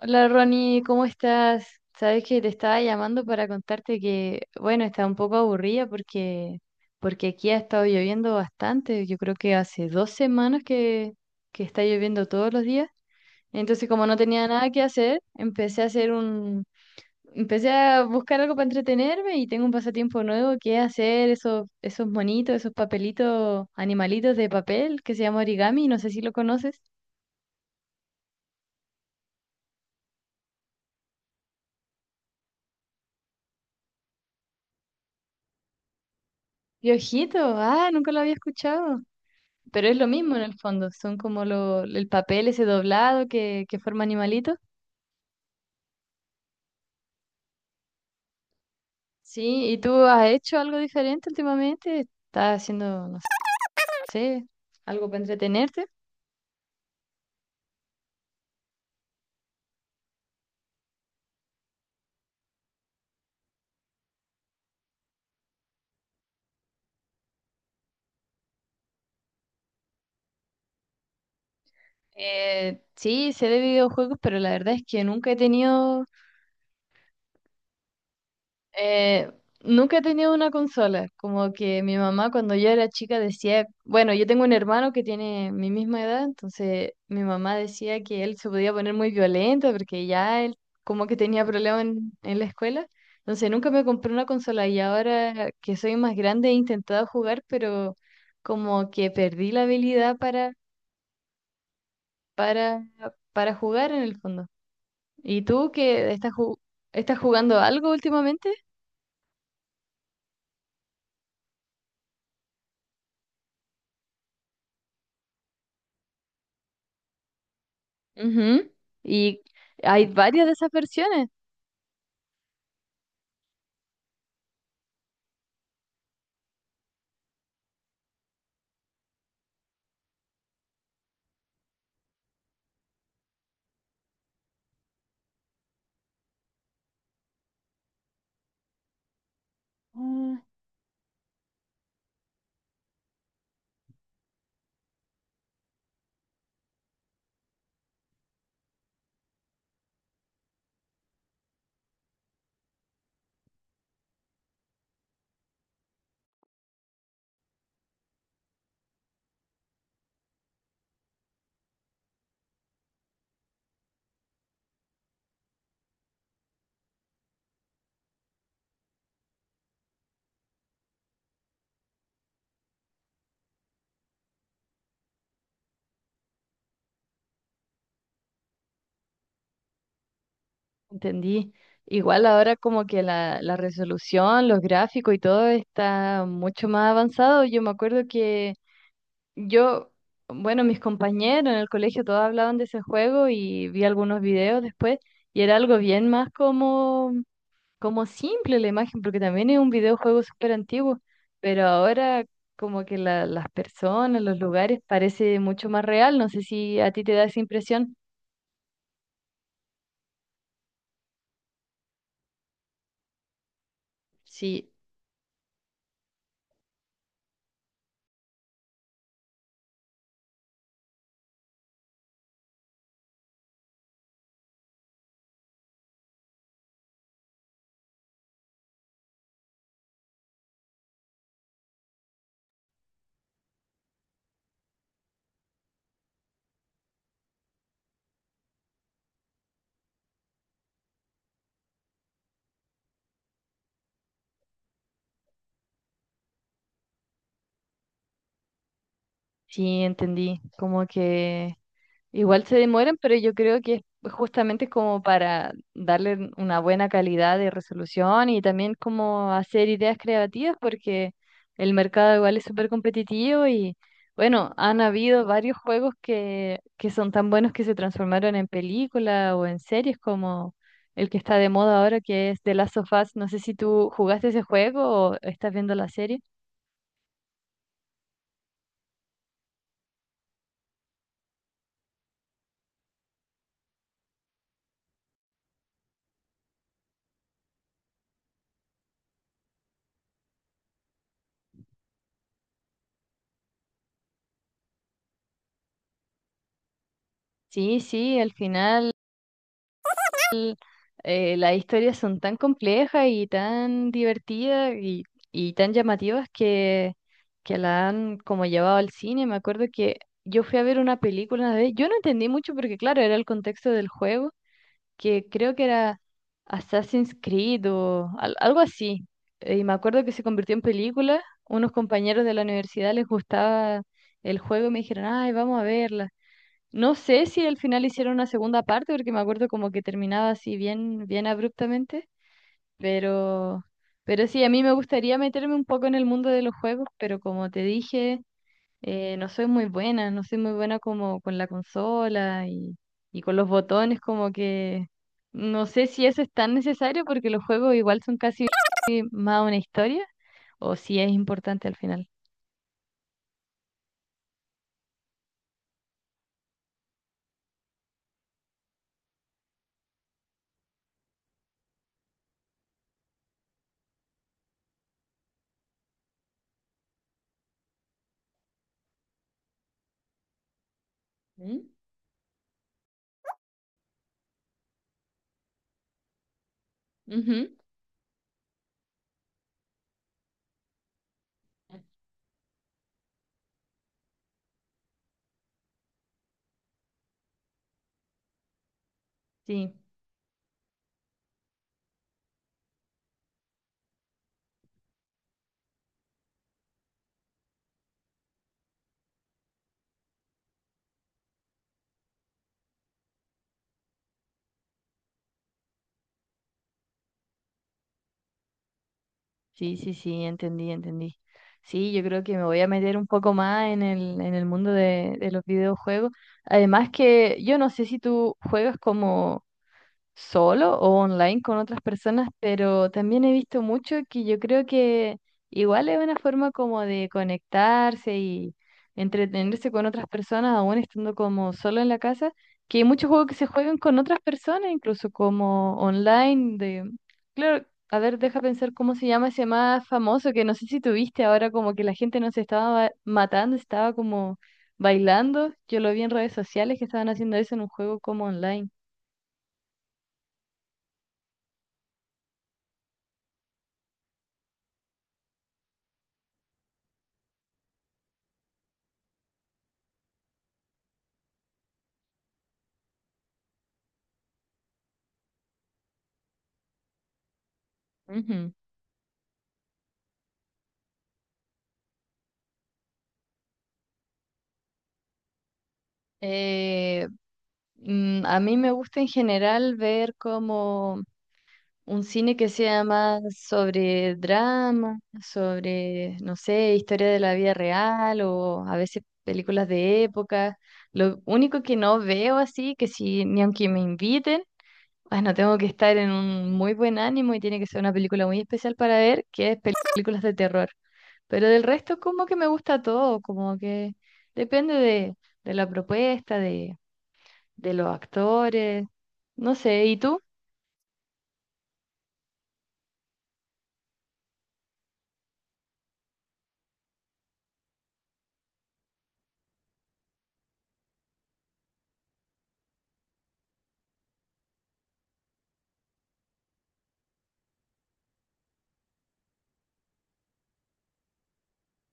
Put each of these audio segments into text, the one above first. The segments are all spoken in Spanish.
Hola Ronnie, ¿cómo estás? Sabes que te estaba llamando para contarte bueno, estaba un poco aburrida porque aquí ha estado lloviendo bastante. Yo creo que hace dos semanas que está lloviendo todos los días. Entonces, como no tenía nada que hacer, empecé a buscar algo para entretenerme y tengo un pasatiempo nuevo que es hacer esos monitos, esos papelitos, animalitos de papel que se llama origami. No sé si lo conoces. Piojito, ah, nunca lo había escuchado. Pero es lo mismo en el fondo, son el papel ese doblado que forma animalitos. Sí, ¿y tú has hecho algo diferente últimamente? ¿Estás haciendo, no sé, algo para entretenerte? Sí, sé de videojuegos, pero la verdad es que nunca he tenido. Eh, Nunca he tenido una consola, como que mi mamá cuando yo era chica decía, bueno, yo tengo un hermano que tiene mi misma edad, entonces mi mamá decía que él se podía poner muy violento porque ya él como que tenía problemas en la escuela, entonces nunca me compré una consola y ahora que soy más grande he intentado jugar, pero como que perdí la habilidad para, para jugar en el fondo. ¿Y tú que estás jugando algo últimamente? Ujú. Y hay varias de esas versiones. Ah, entendí. Igual ahora como que la resolución, los gráficos y todo está mucho más avanzado. Yo me acuerdo que yo, bueno, mis compañeros en el colegio todos hablaban de ese juego y vi algunos videos después y era algo bien más como simple la imagen, porque también es un videojuego súper antiguo, pero ahora como que las personas, los lugares, parece mucho más real. No sé si a ti te da esa impresión. Sí, sí, entendí. Como que igual se demoran, pero yo creo que es pues, justamente como para darle una buena calidad de resolución y también como hacer ideas creativas, porque el mercado igual es súper competitivo y bueno, han habido varios juegos que son tan buenos que se transformaron en película o en series como el que está de moda ahora, que es The Last of Us. No sé si tú jugaste ese juego o estás viendo la serie. Sí, sí, al final las historias son tan complejas y tan divertidas y tan llamativas que la han como llevado al cine. Me acuerdo que yo fui a ver una película una vez, yo no entendí mucho porque claro, era el contexto del juego, que creo que era Assassin's Creed o algo así. Y me acuerdo que se convirtió en película, unos compañeros de la universidad les gustaba el juego y me dijeron, ay, vamos a verla. No sé si al final hicieron una segunda parte, porque me acuerdo como que terminaba así bien, bien abruptamente, pero, pero sí, a mí me gustaría meterme un poco en el mundo de los juegos, pero como te dije, no soy muy buena, no soy muy buena como con la consola y con los botones, como que no sé si eso es tan necesario, porque los juegos igual son casi más una historia, o si es importante al final. Sí. Sí, sí, sí, entendí, entendí. Sí, yo creo que me voy a meter un poco más en en el mundo de los videojuegos. Además que yo no sé si tú juegas como solo o online con otras personas, pero también he visto mucho que yo creo que igual es una forma como de conectarse y entretenerse con otras personas, aún estando como solo en la casa, que hay muchos juegos que se juegan con otras personas, incluso como online, de... Claro, a ver, deja pensar cómo se llama ese más famoso, que no sé si tuviste ahora como que la gente no se estaba matando, estaba como bailando. Yo lo vi en redes sociales que estaban haciendo eso en un juego como online. Ujú. Eh, a mí me gusta en general ver como un cine que sea más sobre drama, sobre, no sé, historia de la vida real o a veces películas de época. Lo único que no veo así, que si ni aunque me inviten, bueno, tengo que estar en un muy buen ánimo y tiene que ser una película muy especial para ver, que es películas de terror. Pero del resto como que me gusta todo, como que depende de la propuesta, de los actores, no sé, ¿y tú?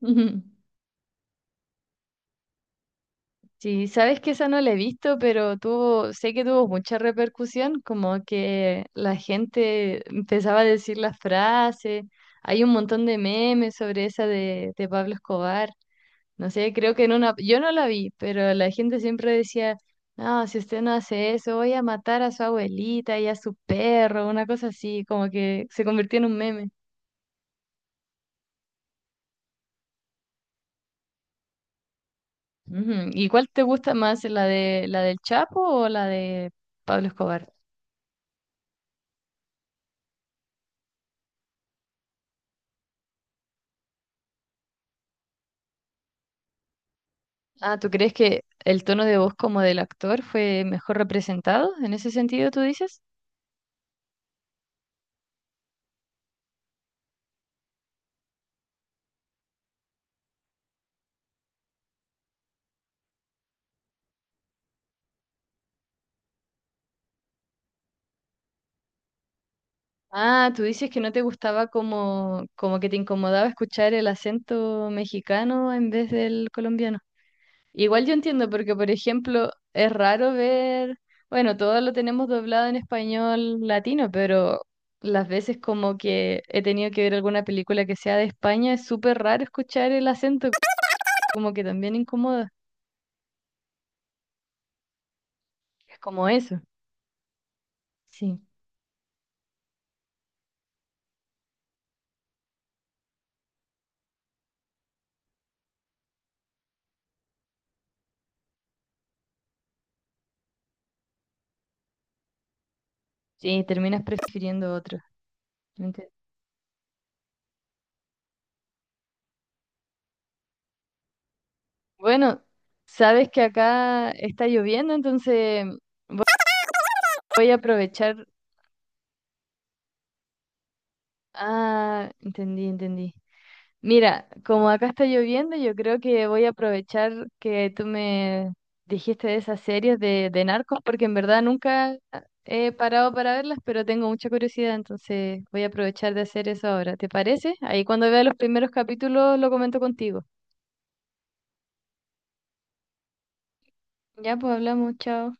Ujú. Sí, sabes que esa no la he visto, pero tuvo, sé que tuvo mucha repercusión, como que la gente empezaba a decir las frases, hay un montón de memes sobre esa de Pablo Escobar, no sé, creo que en una, yo no la vi, pero la gente siempre decía, no, si usted no hace eso, voy a matar a su abuelita y a su perro, una cosa así, como que se convirtió en un meme. Ujú. ¿Y cuál te gusta más, la de la del Chapo o la de Pablo Escobar? Ah, ¿tú crees que el tono de voz como del actor fue mejor representado? ¿En ese sentido tú dices? Ah, tú dices que no te gustaba como, como que te incomodaba escuchar el acento mexicano en vez del colombiano. Igual yo entiendo, porque por ejemplo, es raro ver, bueno, todo lo tenemos doblado en español latino, pero las veces como que he tenido que ver alguna película que sea de España, es súper raro escuchar el acento, como que también incomoda. Es como eso. Sí, sí, terminas prefiriendo otro. Ente- Bueno, sabes que acá está lloviendo, entonces voy a aprovechar. Ah, entendí, entendí. Mira, como acá está lloviendo, yo creo que voy a aprovechar que tú me dijiste de esas series de narcos, porque en verdad nunca he parado para verlas, pero tengo mucha curiosidad, entonces voy a aprovechar de hacer eso ahora. ¿Te parece? Ahí cuando vea los primeros capítulos lo comento contigo. Ya, pues hablamos, chao.